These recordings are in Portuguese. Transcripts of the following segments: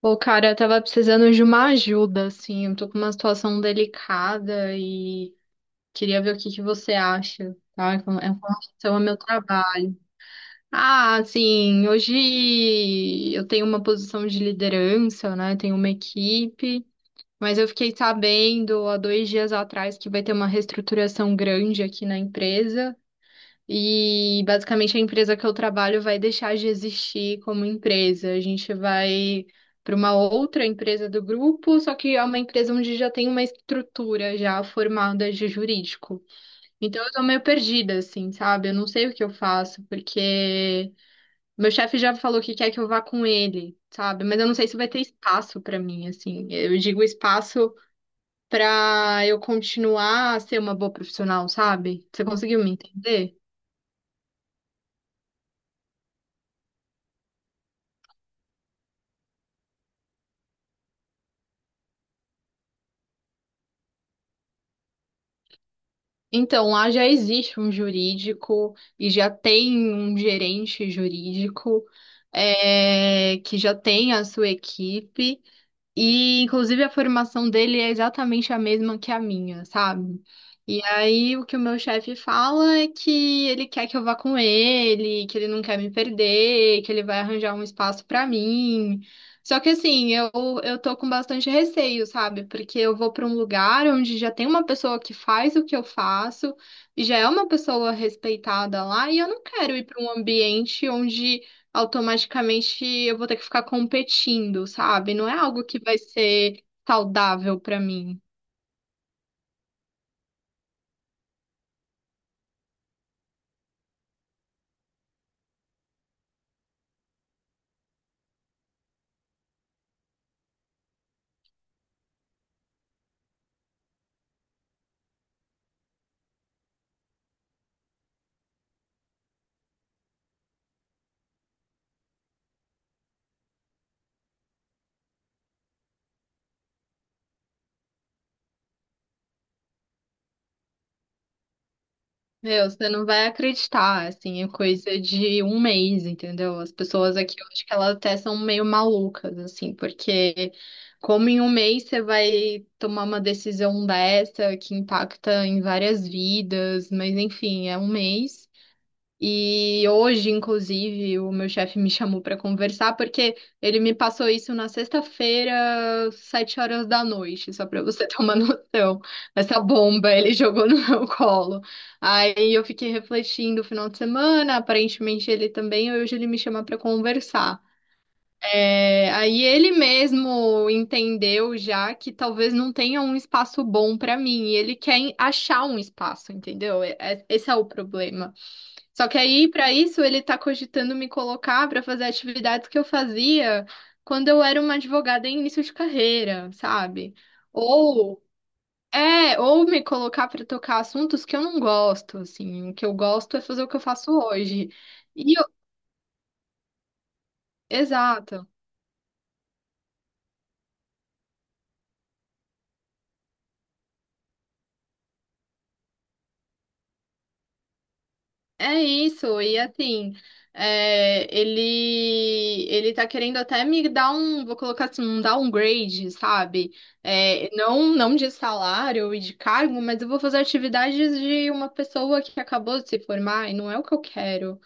Pô, cara, eu tava precisando de uma ajuda, assim. Eu tô com uma situação delicada e queria ver o que que você acha, tá? É com relação ao meu trabalho. Ah, assim, hoje eu tenho uma posição de liderança, né? Tenho uma equipe, mas eu fiquei sabendo há 2 dias atrás que vai ter uma reestruturação grande aqui na empresa. E basicamente a empresa que eu trabalho vai deixar de existir como empresa. A gente vai para uma outra empresa do grupo, só que é uma empresa onde já tem uma estrutura já formada de jurídico. Então eu tô meio perdida, assim, sabe? Eu não sei o que eu faço, porque meu chefe já falou que quer que eu vá com ele, sabe? Mas eu não sei se vai ter espaço para mim, assim. Eu digo espaço para eu continuar a ser uma boa profissional, sabe? Você conseguiu me entender? Então, lá já existe um jurídico e já tem um gerente jurídico que já tem a sua equipe. E, inclusive, a formação dele é exatamente a mesma que a minha, sabe? E aí, o que o meu chefe fala é que ele quer que eu vá com ele, que ele não quer me perder, que ele vai arranjar um espaço pra mim. Só que, assim, eu tô com bastante receio, sabe? Porque eu vou pra um lugar onde já tem uma pessoa que faz o que eu faço, e já é uma pessoa respeitada lá, e eu não quero ir pra um ambiente onde automaticamente eu vou ter que ficar competindo, sabe? Não é algo que vai ser saudável pra mim. Meu, você não vai acreditar, assim, é coisa de um mês, entendeu? As pessoas aqui, eu acho que elas até são meio malucas, assim, porque como em um mês você vai tomar uma decisão dessa que impacta em várias vidas, mas enfim, é um mês. E hoje, inclusive, o meu chefe me chamou para conversar porque ele me passou isso na sexta-feira, 7 horas da noite, só para você ter uma noção. Essa bomba ele jogou no meu colo. Aí eu fiquei refletindo o final de semana, aparentemente ele também, hoje ele me chama para conversar. É, aí ele mesmo entendeu já que talvez não tenha um espaço bom para mim, e ele quer achar um espaço, entendeu? Esse é o problema. Só que aí, para isso, ele tá cogitando me colocar para fazer atividades que eu fazia quando eu era uma advogada em início de carreira, sabe? Ou ou me colocar para tocar assuntos que eu não gosto, assim, o que eu gosto é fazer o que eu faço hoje. E eu, exato. É isso, e assim, ele tá querendo até me dar um, vou colocar assim, um downgrade, sabe? É, não, não de salário e de cargo, mas eu vou fazer atividades de uma pessoa que acabou de se formar e não é o que eu quero.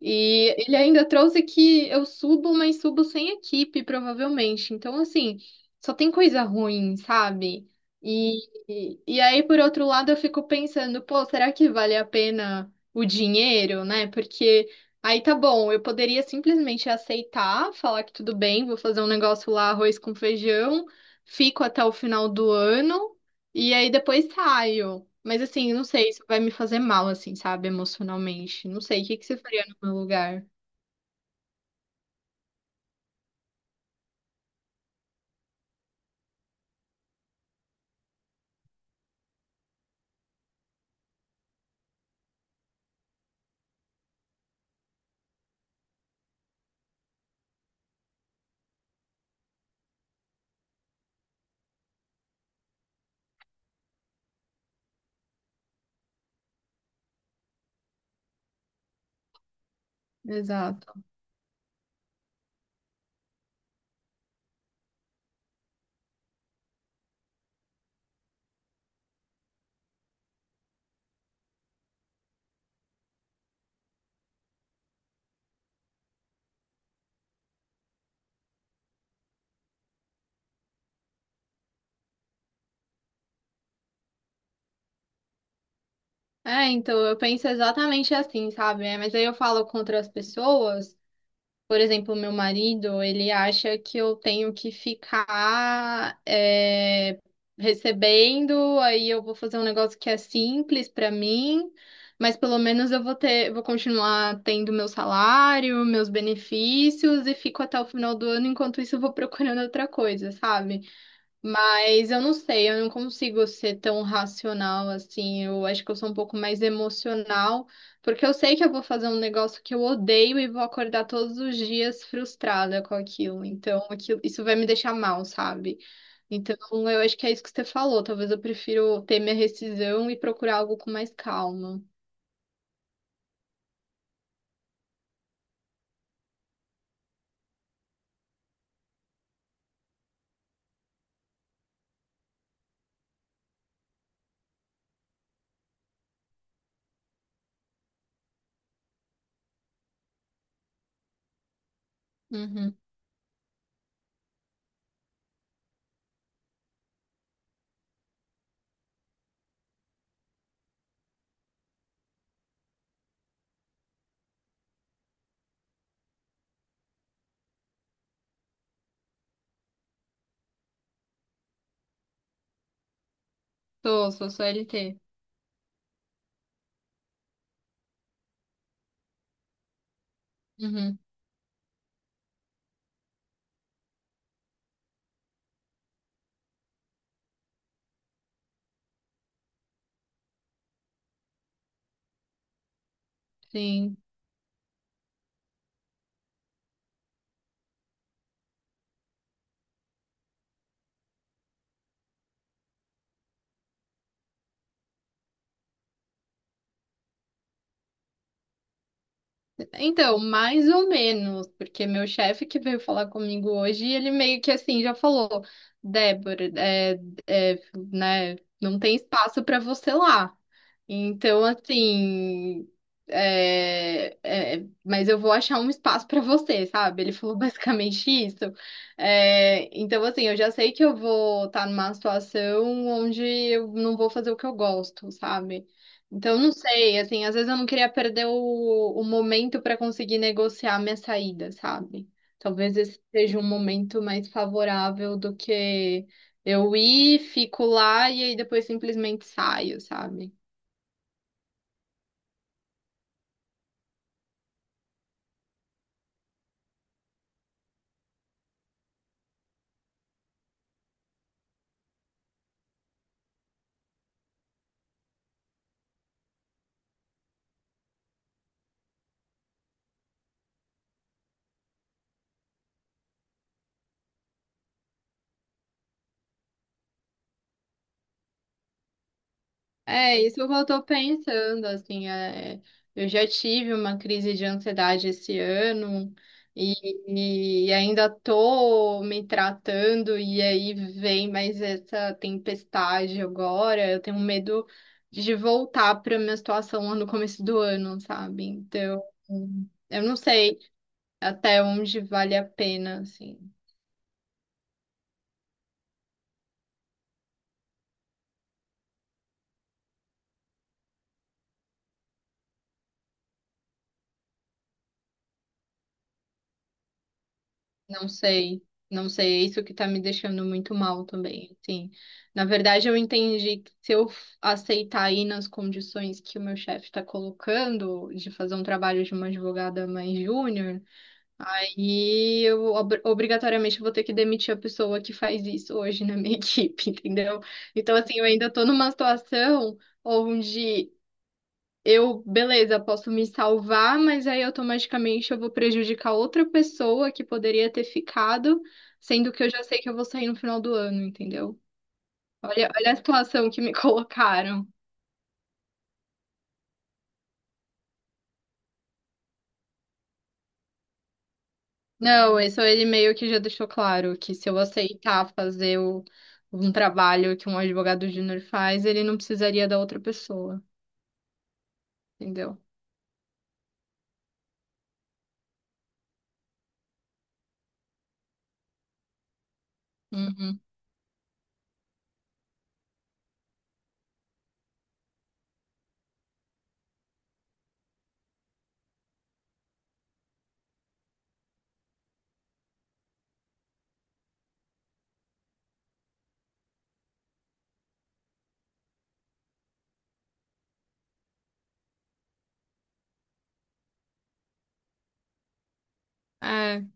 E ele ainda trouxe que eu subo, mas subo sem equipe, provavelmente. Então, assim, só tem coisa ruim, sabe? E, e aí, por outro lado, eu fico pensando, pô, será que vale a pena? O dinheiro, né? Porque aí tá bom, eu poderia simplesmente aceitar, falar que tudo bem, vou fazer um negócio lá, arroz com feijão, fico até o final do ano e aí depois saio. Mas assim, não sei, isso vai me fazer mal, assim, sabe, emocionalmente. Não sei, o que que você faria no meu lugar? Exato. É, então eu penso exatamente assim, sabe? É, mas aí eu falo com outras pessoas. Por exemplo, meu marido, ele acha que eu tenho que ficar recebendo, aí eu vou fazer um negócio que é simples para mim, mas pelo menos eu vou ter, vou continuar tendo meu salário, meus benefícios e fico até o final do ano, enquanto isso eu vou procurando outra coisa, sabe? Mas eu não sei, eu não consigo ser tão racional assim. Eu acho que eu sou um pouco mais emocional, porque eu sei que eu vou fazer um negócio que eu odeio e vou acordar todos os dias frustrada com aquilo. Então, aquilo, isso vai me deixar mal, sabe? Então, eu acho que é isso que você falou. Talvez eu prefiro ter minha rescisão e procurar algo com mais calma. Uhum. Sou CLT. Uhum. Sim. Então, mais ou menos, porque meu chefe que veio falar comigo hoje, ele meio que assim já falou, Débora, é, né, não tem espaço para você lá. Então, assim, mas eu vou achar um espaço para você, sabe? Ele falou basicamente isso. É, então, assim, eu já sei que eu vou estar numa situação onde eu não vou fazer o que eu gosto, sabe? Então, não sei, assim, às vezes eu não queria perder o momento para conseguir negociar minha saída, sabe? Talvez esse seja um momento mais favorável do que eu ir, fico lá e aí depois simplesmente saio, sabe? É, isso eu estou pensando, assim, eu já tive uma crise de ansiedade esse ano e ainda tô me tratando e aí vem mais essa tempestade agora, eu tenho medo de voltar para minha situação lá no começo do ano, sabe? Então, eu não sei até onde vale a pena, assim. Não sei, não sei, é isso que tá me deixando muito mal também, assim. Na verdade, eu entendi que se eu aceitar aí nas condições que o meu chefe está colocando, de fazer um trabalho de uma advogada mais júnior, aí eu obrigatoriamente vou ter que demitir a pessoa que faz isso hoje na minha equipe, entendeu? Então, assim, eu ainda tô numa situação onde eu, beleza, posso me salvar, mas aí automaticamente eu vou prejudicar outra pessoa que poderia ter ficado, sendo que eu já sei que eu vou sair no final do ano, entendeu? Olha, olha a situação que me colocaram. Não, isso ele meio que já deixou claro que se eu aceitar fazer um trabalho que um advogado júnior faz, ele não precisaria da outra pessoa, entendeu? Uhum. É,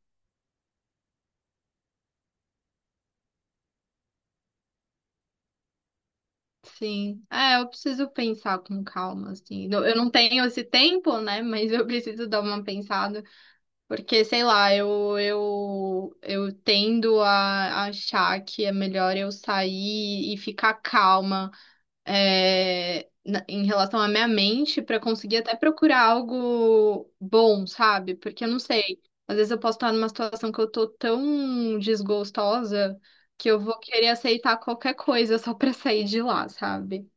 sim. É, eu preciso pensar com calma, assim. Eu não tenho esse tempo, né? Mas eu preciso dar uma pensada. Porque, sei lá, eu tendo a achar que é melhor eu sair e ficar calma, em relação à minha mente para conseguir até procurar algo bom, sabe? Porque eu não sei, às vezes eu posso estar numa situação que eu tô tão desgostosa que eu vou querer aceitar qualquer coisa só para sair de lá, sabe?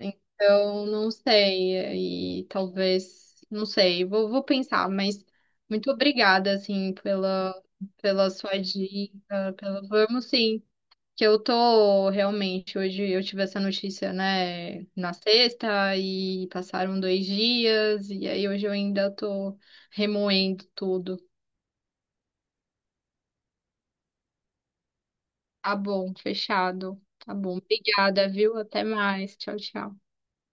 Então, não sei, e talvez, não sei, vou pensar, mas muito obrigada, assim, pela, sua dica, pela, vamos sim, que eu tô realmente, hoje eu tive essa notícia, né, na sexta, e passaram 2 dias, e aí hoje eu ainda tô remoendo tudo. Tá bom, fechado, tá bom, obrigada, viu? Até mais, tchau, tchau.